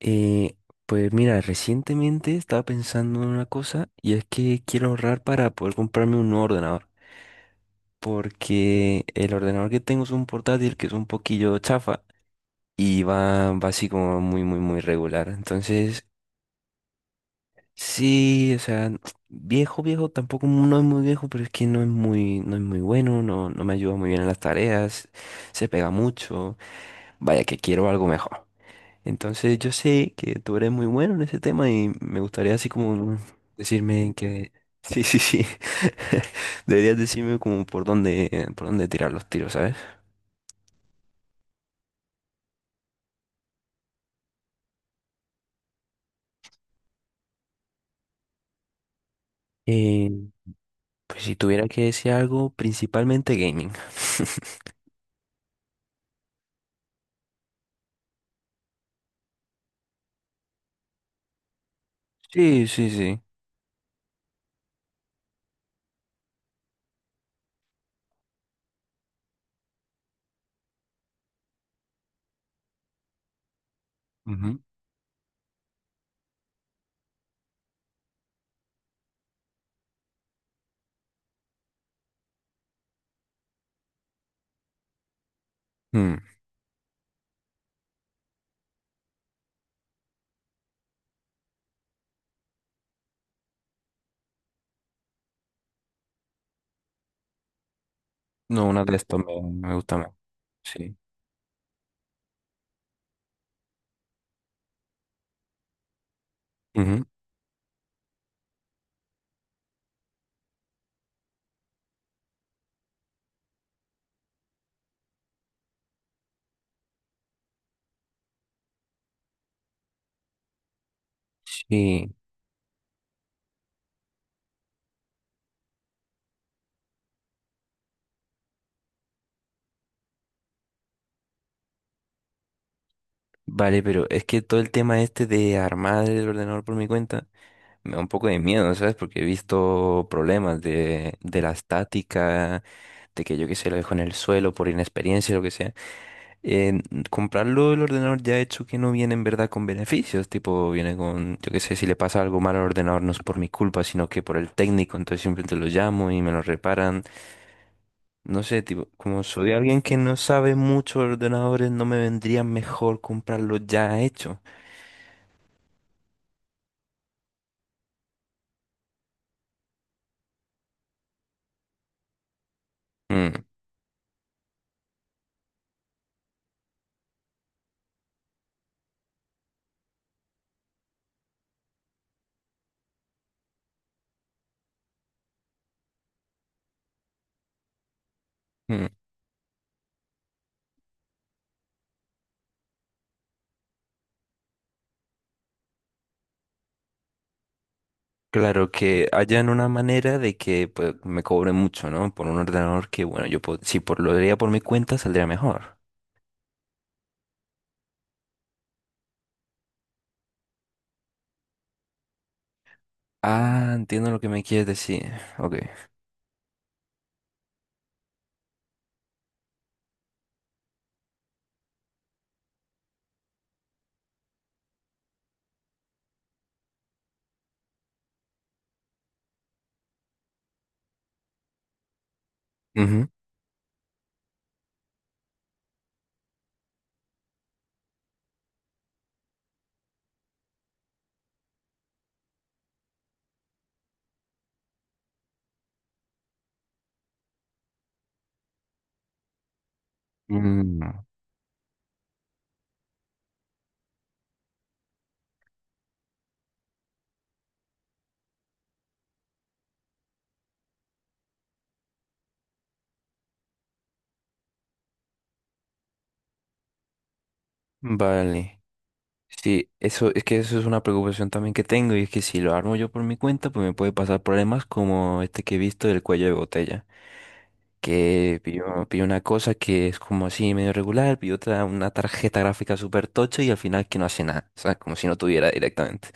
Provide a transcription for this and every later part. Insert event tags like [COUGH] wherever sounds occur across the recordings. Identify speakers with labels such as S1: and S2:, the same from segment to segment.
S1: Eh, pues mira, recientemente estaba pensando en una cosa y es que quiero ahorrar para poder comprarme un nuevo ordenador. Porque el ordenador que tengo es un portátil que es un poquillo chafa y va así como muy, muy, muy regular. Entonces, sí, o sea, viejo, viejo, tampoco no es muy viejo, pero es que no es muy bueno, no, no me ayuda muy bien en las tareas, se pega mucho. Vaya que quiero algo mejor. Entonces yo sé que tú eres muy bueno en ese tema y me gustaría así como decirme que [LAUGHS] sí, sí, sí. [LAUGHS] Deberías decirme como por dónde tirar los tiros, ¿sabes? Eh, pues si tuviera que decir algo, principalmente gaming. [LAUGHS] Sí, sí, sí. Ujú. Mm. No, una de estas me gusta más. Sí. Ujú. Sí. Vale, pero es que todo el tema este de armar el ordenador por mi cuenta. Me da un poco de miedo, ¿sabes? Porque he visto problemas de la estática, de que yo qué sé, lo dejo en el suelo por inexperiencia, lo que sea. En- Comprarlo el ordenador ya hecho que no viene en verdad con beneficios, tipo viene con, yo qué sé, si le pasa algo mal al ordenador no es por mi culpa, sino que por el técnico, entonces simplemente lo llamo y me lo reparan. No sé, tipo, como soy alguien que no sabe mucho de ordenadores, no me vendría mejor comprarlo ya hecho. Mm, mm. Claro que hayan una manera de que pues, me cobren mucho, ¿no? Por un ordenador que, bueno, yo po- si por, lo haría por mi cuenta saldría mejor. Ah, entiendo lo que me quieres decir. Ok. Ujú. Mm, vale. Sí, eso es que eso es una preocupación también que tengo y es que si lo armo yo por mi cuenta, pues me puede pasar problemas como este que he visto del cuello de botella, que pidió una cosa que es como así medio regular, pidió otra una tarjeta gráfica súper tocha y al final que no hace nada, o sea, como si no tuviera directamente.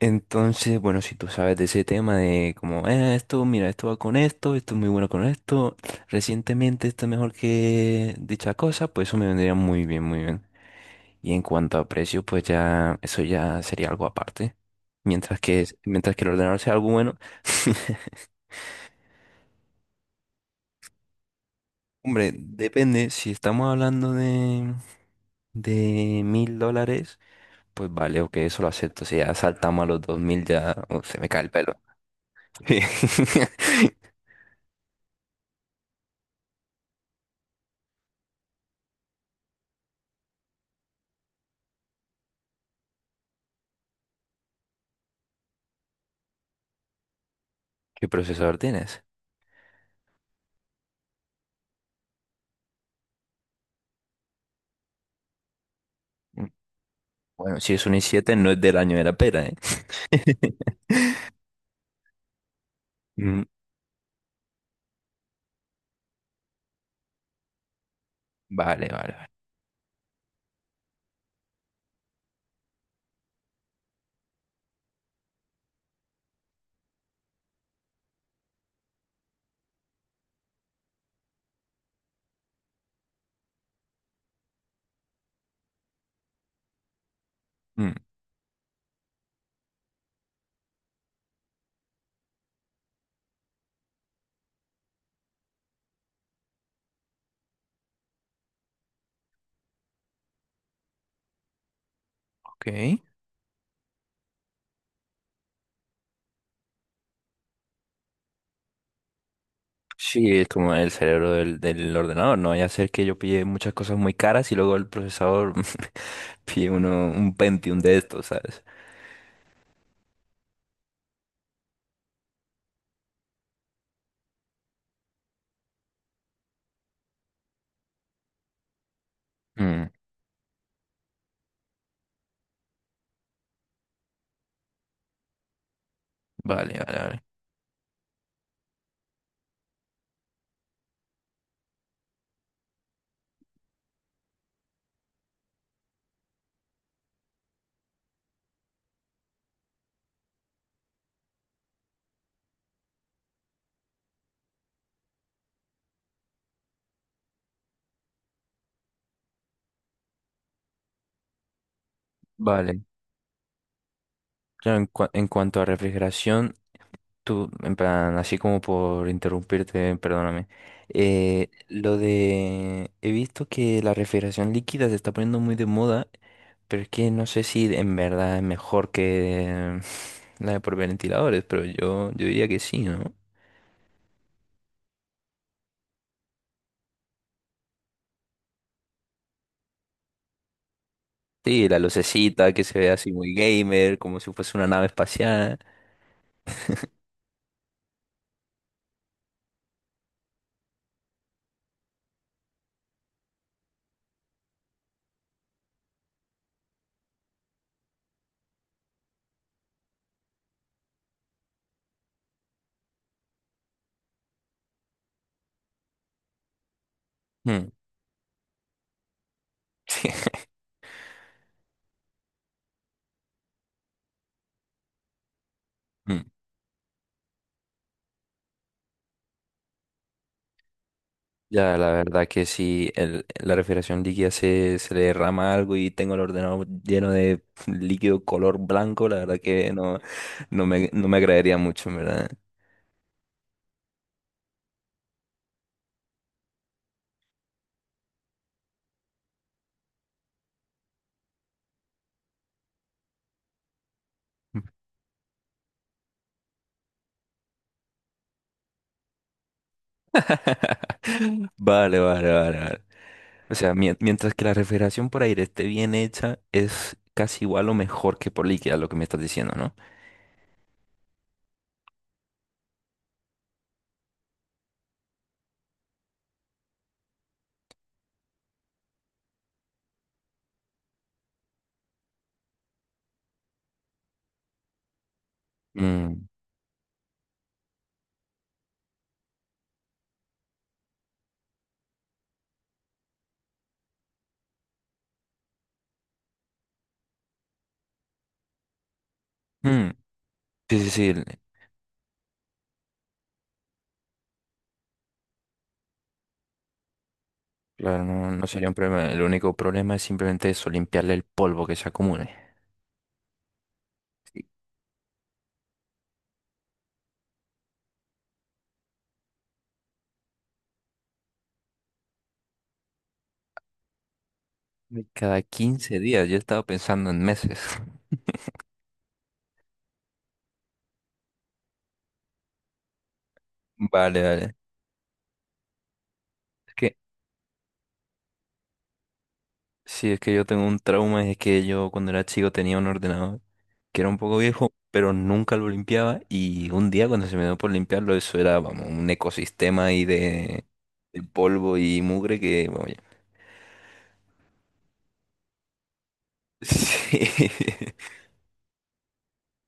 S1: Entonces, bueno, si tú sabes de ese tema de como, Esto, mira, esto va con esto, esto es muy bueno con esto, recientemente esto es mejor que dicha cosa, pues eso me vendría muy bien, muy bien. Y en cuanto a precio, pues ya, eso ya sería algo aparte. Mientras que el ordenador sea algo bueno. [LAUGHS] Hombre, depende, si estamos hablando de $1,000, pues vale, ok, eso lo acepto. Si ya saltamos a los 2,000, ya, se me cae el pelo. [LAUGHS] Sí. [LAUGHS] ¿Qué procesador tienes? Bueno, si es un i7, no es del año de la pera, ¿eh? [LAUGHS] Mm, vale, vale, vale. Mm, ok. Sí, es como el cerebro del ordenador, no vaya a ser que yo pille muchas cosas muy caras y luego el procesador [LAUGHS] pille un Pentium de estos, ¿sabes? Mm, vale, vale, vale. Vale. Claro, en cuanto a refrigeración. Tú, en plan, así como por interrumpirte, perdóname. Lo de... he visto que la refrigeración líquida se está poniendo muy de moda, pero es que no sé si en verdad es mejor que [LAUGHS] la de por ventiladores, pero yo diría que sí, ¿no? Sí, la lucecita que se ve así muy gamer, como si fuese una nave espacial. Mm. [LAUGHS] Ya, la verdad que si la refrigeración líquida se le derrama algo y tengo el ordenador lleno de líquido color blanco, la verdad que no, no me agradaría mucho, ¿en verdad? [LAUGHS] Vale, vale, vale, vale. O sea, mientras que la refrigeración por aire esté bien hecha, es casi igual o mejor que por líquida, lo que me estás diciendo, ¿no? Mm, mm, sí, sí, sí. Claro, no, no sería un problema. El único problema es simplemente eso, limpiarle el polvo que se acumule. Ay, cada 15 días, yo estaba pensando en meses. [LAUGHS] Vale, vale. Es que, sí, es que yo tengo un trauma, es que yo cuando era chico tenía un ordenador que era un poco viejo, pero nunca lo limpiaba y un día cuando se me dio por limpiarlo, eso era, vamos, un ecosistema ahí de polvo y mugre que, vamos, ya. [LAUGHS] Sí.